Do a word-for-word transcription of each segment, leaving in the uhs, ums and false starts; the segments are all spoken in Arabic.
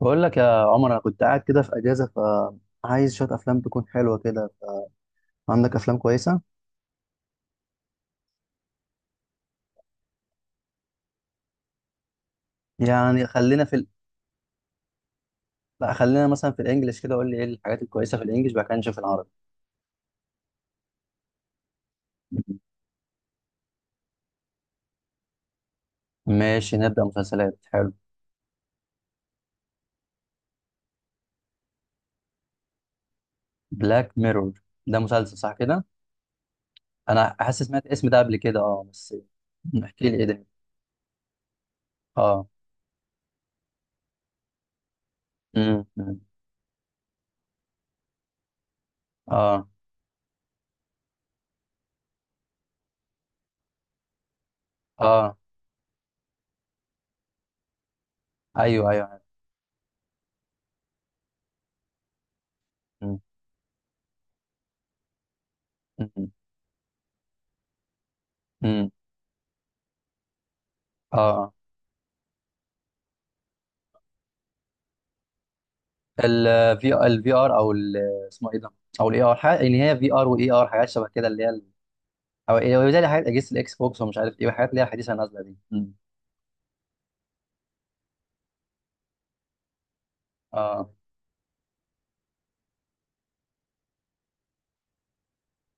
بقول لك يا عمر، انا كنت قاعد كده في اجازه، فعايز شويه افلام تكون حلوه كده. عندك افلام كويسه؟ يعني خلينا في ال... لا، خلينا مثلا في الانجليش كده، قول لي ايه الحاجات الكويسه في الانجليش، بعد كده نشوف العربي. ماشي، نبدا مسلسلات. حلو. بلاك ميرور، ده مسلسل صح كده؟ انا حاسس سمعت الاسم ده قبل كده، اه، بس. احكي لي ايه ده. اه. امم. اه، اه. ايوه، ايوه. امم، امم. اه. الفي الفي ار او ال- اسمه ايه ده؟ او الاي ار حاجه، يعني هي في ار واي ار، حاجات شبه كده اللي هي ال- او إيه، زي حاجات اجهزه الاكس بوكس ومش عارف ايه، وحاجات اللي هي الحديثه نازله دي. مم. اه.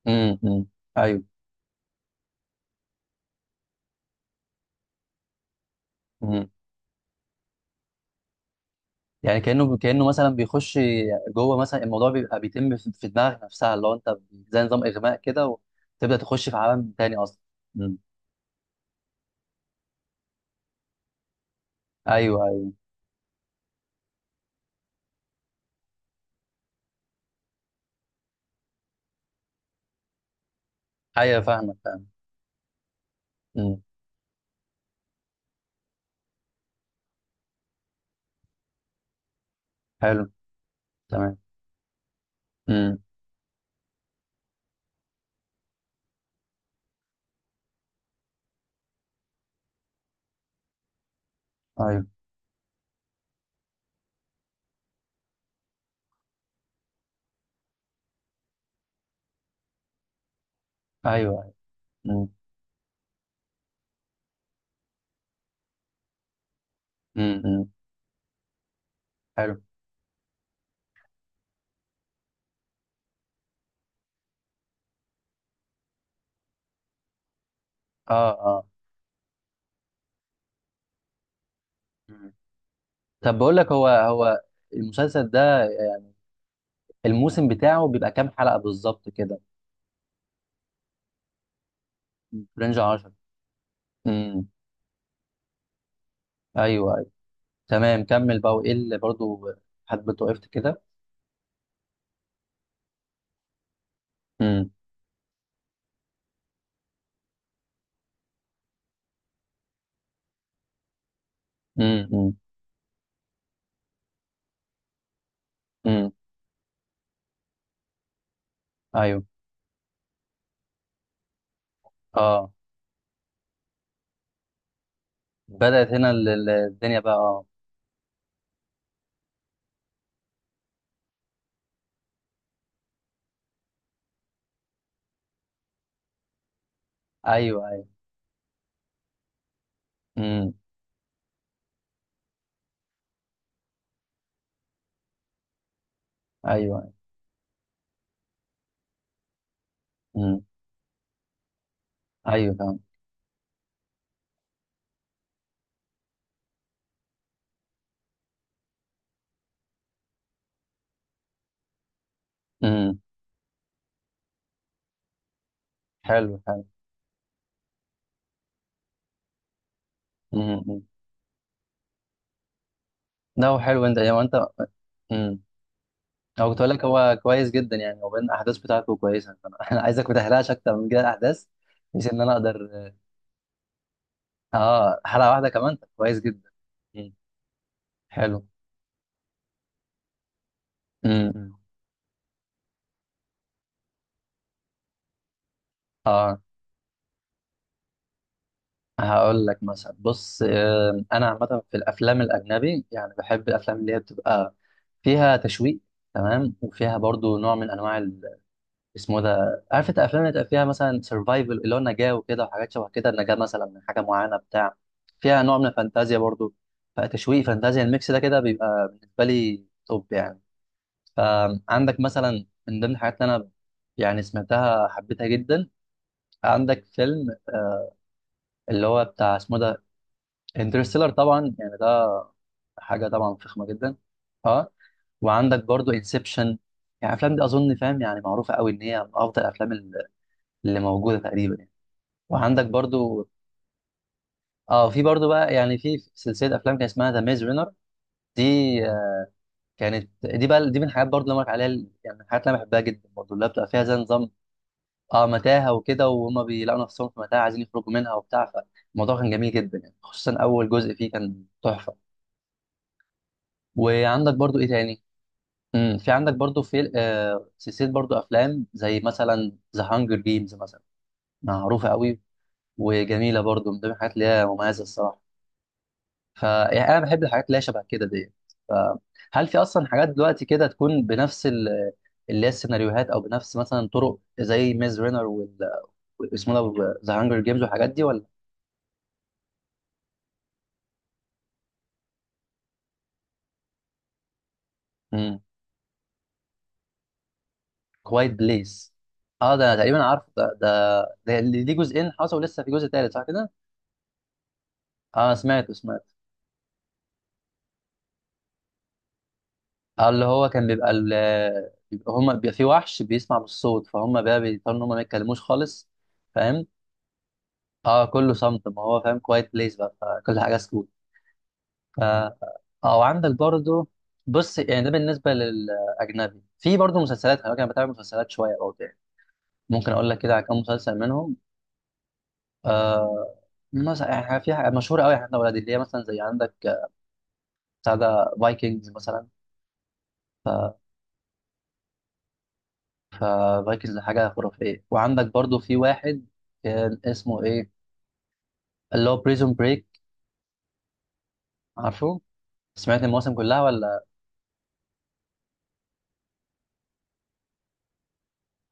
امم، امم. ايوه. امم. يعني كانه كانه مثلا بيخش جوه مثلا، الموضوع بيبقى بيتم في في دماغك نفسها، اللي هو انت، زي نظام اغماء كده، وتبدا تخش في عالم تاني اصلا. امم. ايوه، ايوه. ايوه، فاهمك، فاهم. امم. حلو. تمام. امم. ايوه، ايوه، ايوه. امم، امم. حلو. اه، اه. طب بقول لك، هو هو المسلسل ده، الموسم بتاعه بيبقى كام حلقة بالظبط كده؟ رينج عشرة. امم. ايوه، ايوه. تمام، كمل بقى. وايه اللي برضه حد وقفت كده؟ امم. امم، امم. ايوه، اه. بدأت هنا ال- ال- الدنيا بقى، اه. ايوه، ايوه. امم. ايوه. امم. ايوه، فاهم. امم. حلو، حلو. امم. ده هو حلو انت يعني، انت. هو كنت اقول لك، هو كويس جدا يعني، هو بين الاحداث بتاعته كويسه، فانا أنا عايزك ما تحرقش اكتر من كده الاحداث، بحيث ان انا اقدر. اه، حلقه واحده كمان، طب كويس جدا. مم. حلو. امم. اه. هقول لك مثلا، بص، آه انا عامه في الافلام الاجنبي يعني بحب الافلام اللي هي بتبقى فيها تشويق. تمام. وفيها برضو نوع من انواع، اسمه ده، عارف انت، افلام اللي تبقى فيها مثلا سرفايفل، اللي هو النجاه وكده، وحاجات شبه كده، النجاه مثلا من حاجه معينه بتاع فيها نوع من الفانتازيا برضو. فتشويق، فانتازيا، الميكس ده كده بيبقى بالنسبه لي توب يعني. فعندك مثلا من ضمن الحاجات اللي انا يعني سمعتها، حبيتها جدا. عندك فيلم اللي هو بتاع اسمه ده، انترستيلر، طبعا يعني ده حاجه طبعا فخمه جدا. اه. وعندك برضو انسبشن. يعني الافلام دي اظن فاهم، يعني معروفه قوي ان هي من افضل الافلام اللي اللي موجوده تقريبا. وعندك برضو، اه، في برضو بقى يعني في سلسله افلام كان اسمها ذا ميز رينر. دي، آه، كانت دي بقى، دي من الحاجات برضو اللي أنا بقولك عليها، ال- يعني من الحاجات اللي انا بحبها جدا برضو، اللي بتبقى فيها زي نظام، اه متاهه وكده، وهم بيلاقوا نفسهم في متاهه عايزين يخرجوا منها وبتاع. فالموضوع كان جميل جدا يعني، خصوصا اول جزء فيه كان تحفه. وعندك برضو، ايه تاني؟ امم، في عندك برضو في آه سلسله برضو افلام زي مثلا ذا هانجر جيمز مثلا، معروفه قوي وجميله برضو، من ضمن الحاجات اللي هي مميزه الصراحه. ف يعني انا بحب الحاجات اللي هي شبه كده ديت. فهل في اصلا حاجات دلوقتي كده تكون بنفس ال- اللي هي السيناريوهات، او بنفس مثلا طرق زي ميز رينر وال اسمه ده، ذا هانجر جيمز، والحاجات دي ولا؟ امم. كوايت بليس. اه، ده أنا تقريبا عارف ده. ده ده اللي ليه جزئين حصل ولسه في جزء تالت صح كده؟ اه، سمعته، سمعت. آه اللي هو كان بيبقى ال بيبقى هما بيبقى في وحش بيسمع بالصوت، فهم بقى بيضطروا ان هم ما يتكلموش خالص، فاهم. اه، كله صمت، ما هو فاهم كوايت بليس بقى، فكل حاجه سكوت. ف- اه وعندك برضو، بص يعني ده بالنسبه للاجنبي، في برضو مسلسلات، خلي بالك انا بتابع مسلسلات شويه برضو يعني، ممكن اقول لك كده على كام مسلسل منهم. آه مثلا يعني، حاجة- في حاجة مشهوره قوي احنا اولاد، اللي هي مثلا زي عندك، آه، بتاع ده فايكنجز مثلا. ف ففايكنجز حاجه خرافيه. وعندك برضو في واحد كان اسمه ايه، اللي هو بريزون بريك، عارفه؟ سمعت المواسم كلها ولا؟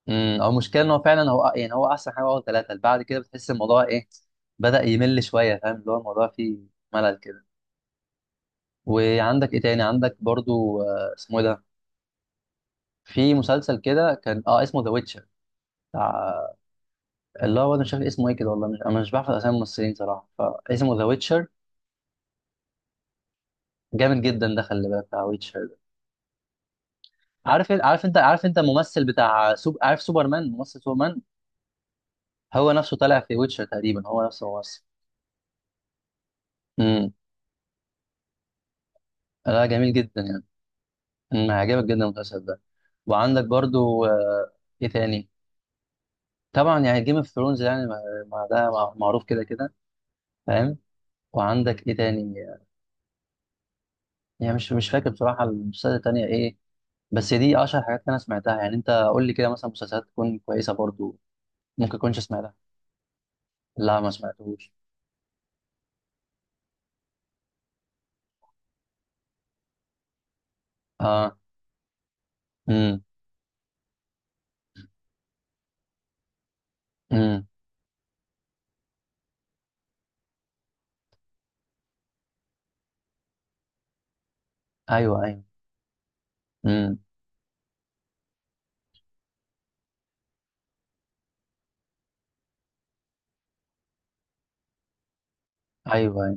امم، هو المشكله ان هو فعلا، هو يعني هو احسن حاجه هو ثلاثه، بعد كده بتحس الموضوع ايه، بدا يمل شويه، فاهم؟ اللي هو الموضوع فيه ملل كده. وعندك ايه تاني؟ عندك برضو، آه، اسمه إيه ده، في مسلسل كده كان، اه اسمه ذا ويتشر، بتاع، اللي هو انا مش فاكر اسمه ايه كده، والله مش، انا مش بعرف اسامي الممثلين صراحه. فاسمه ذا ويتشر، جامد جدا ده، خلي بالك بتاع ويتشر ده. عارف إيه، عارف انت عارف انت الممثل بتاع سوب عارف سوبرمان، ممثل سوبرمان، هو نفسه طالع في ويتشر تقريبا، هو نفسه ممثل. امم. لا، جميل جدا يعني. أمم، هيعجبك جدا المسلسل ده. وعندك برضو، آه، ايه تاني؟ طبعا يعني جيم اوف ثرونز، يعني ما ما ده مع- معروف كده كده، فاهم. وعندك ايه تاني؟ يعني مش مش فاكر بصراحة المسلسلات التانية ايه، بس دي اشهر حاجات انا سمعتها يعني. انت قول لي كده مثلا مسلسلات تكون كويسة برضو، ممكن كنتش سمعتها. لا، ما سمعتهوش. اه. امم، امم. ايوه، ايوه. امم. ايوه، ايوه.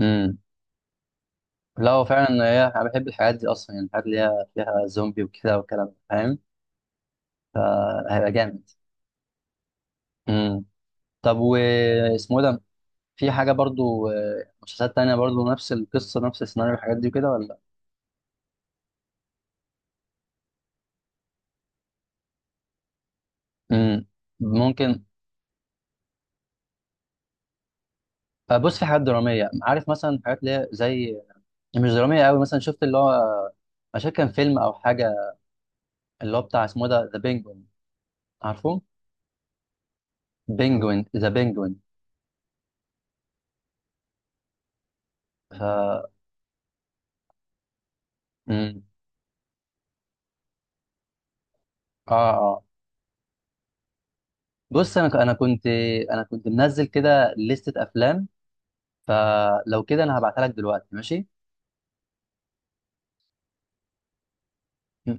امم. لا، هو فعلا هي انا بحب الحاجات دي اصلا يعني، الحاجات اللي هي فيها زومبي وكده والكلام ده، فاهم. فهيبقى جامد. طب واسمه إيه ده؟ في حاجة برضو، آه، مسلسلات تانية برضو نفس القصة، نفس السيناريو، الحاجات دي كده ولا؟ امم. ممكن، آه، بص، في حاجات درامية، عارف مثلا حاجات اللي هي زي، مش درامية قوي مثلا، شفت اللي هو عشان كان فيلم أو حاجة، اللي هو بتاع اسمه إيه ده، ذا بينجوين، عارفه؟ بينجوين، ذا بينجوين. ف امم. اه، اه. بص، انا انا كنت، انا كنت منزل كده لستة افلام، فلو كده انا هبعتها لك دلوقتي، ماشي؟ مم.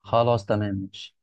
خلاص، تمام، ماشي.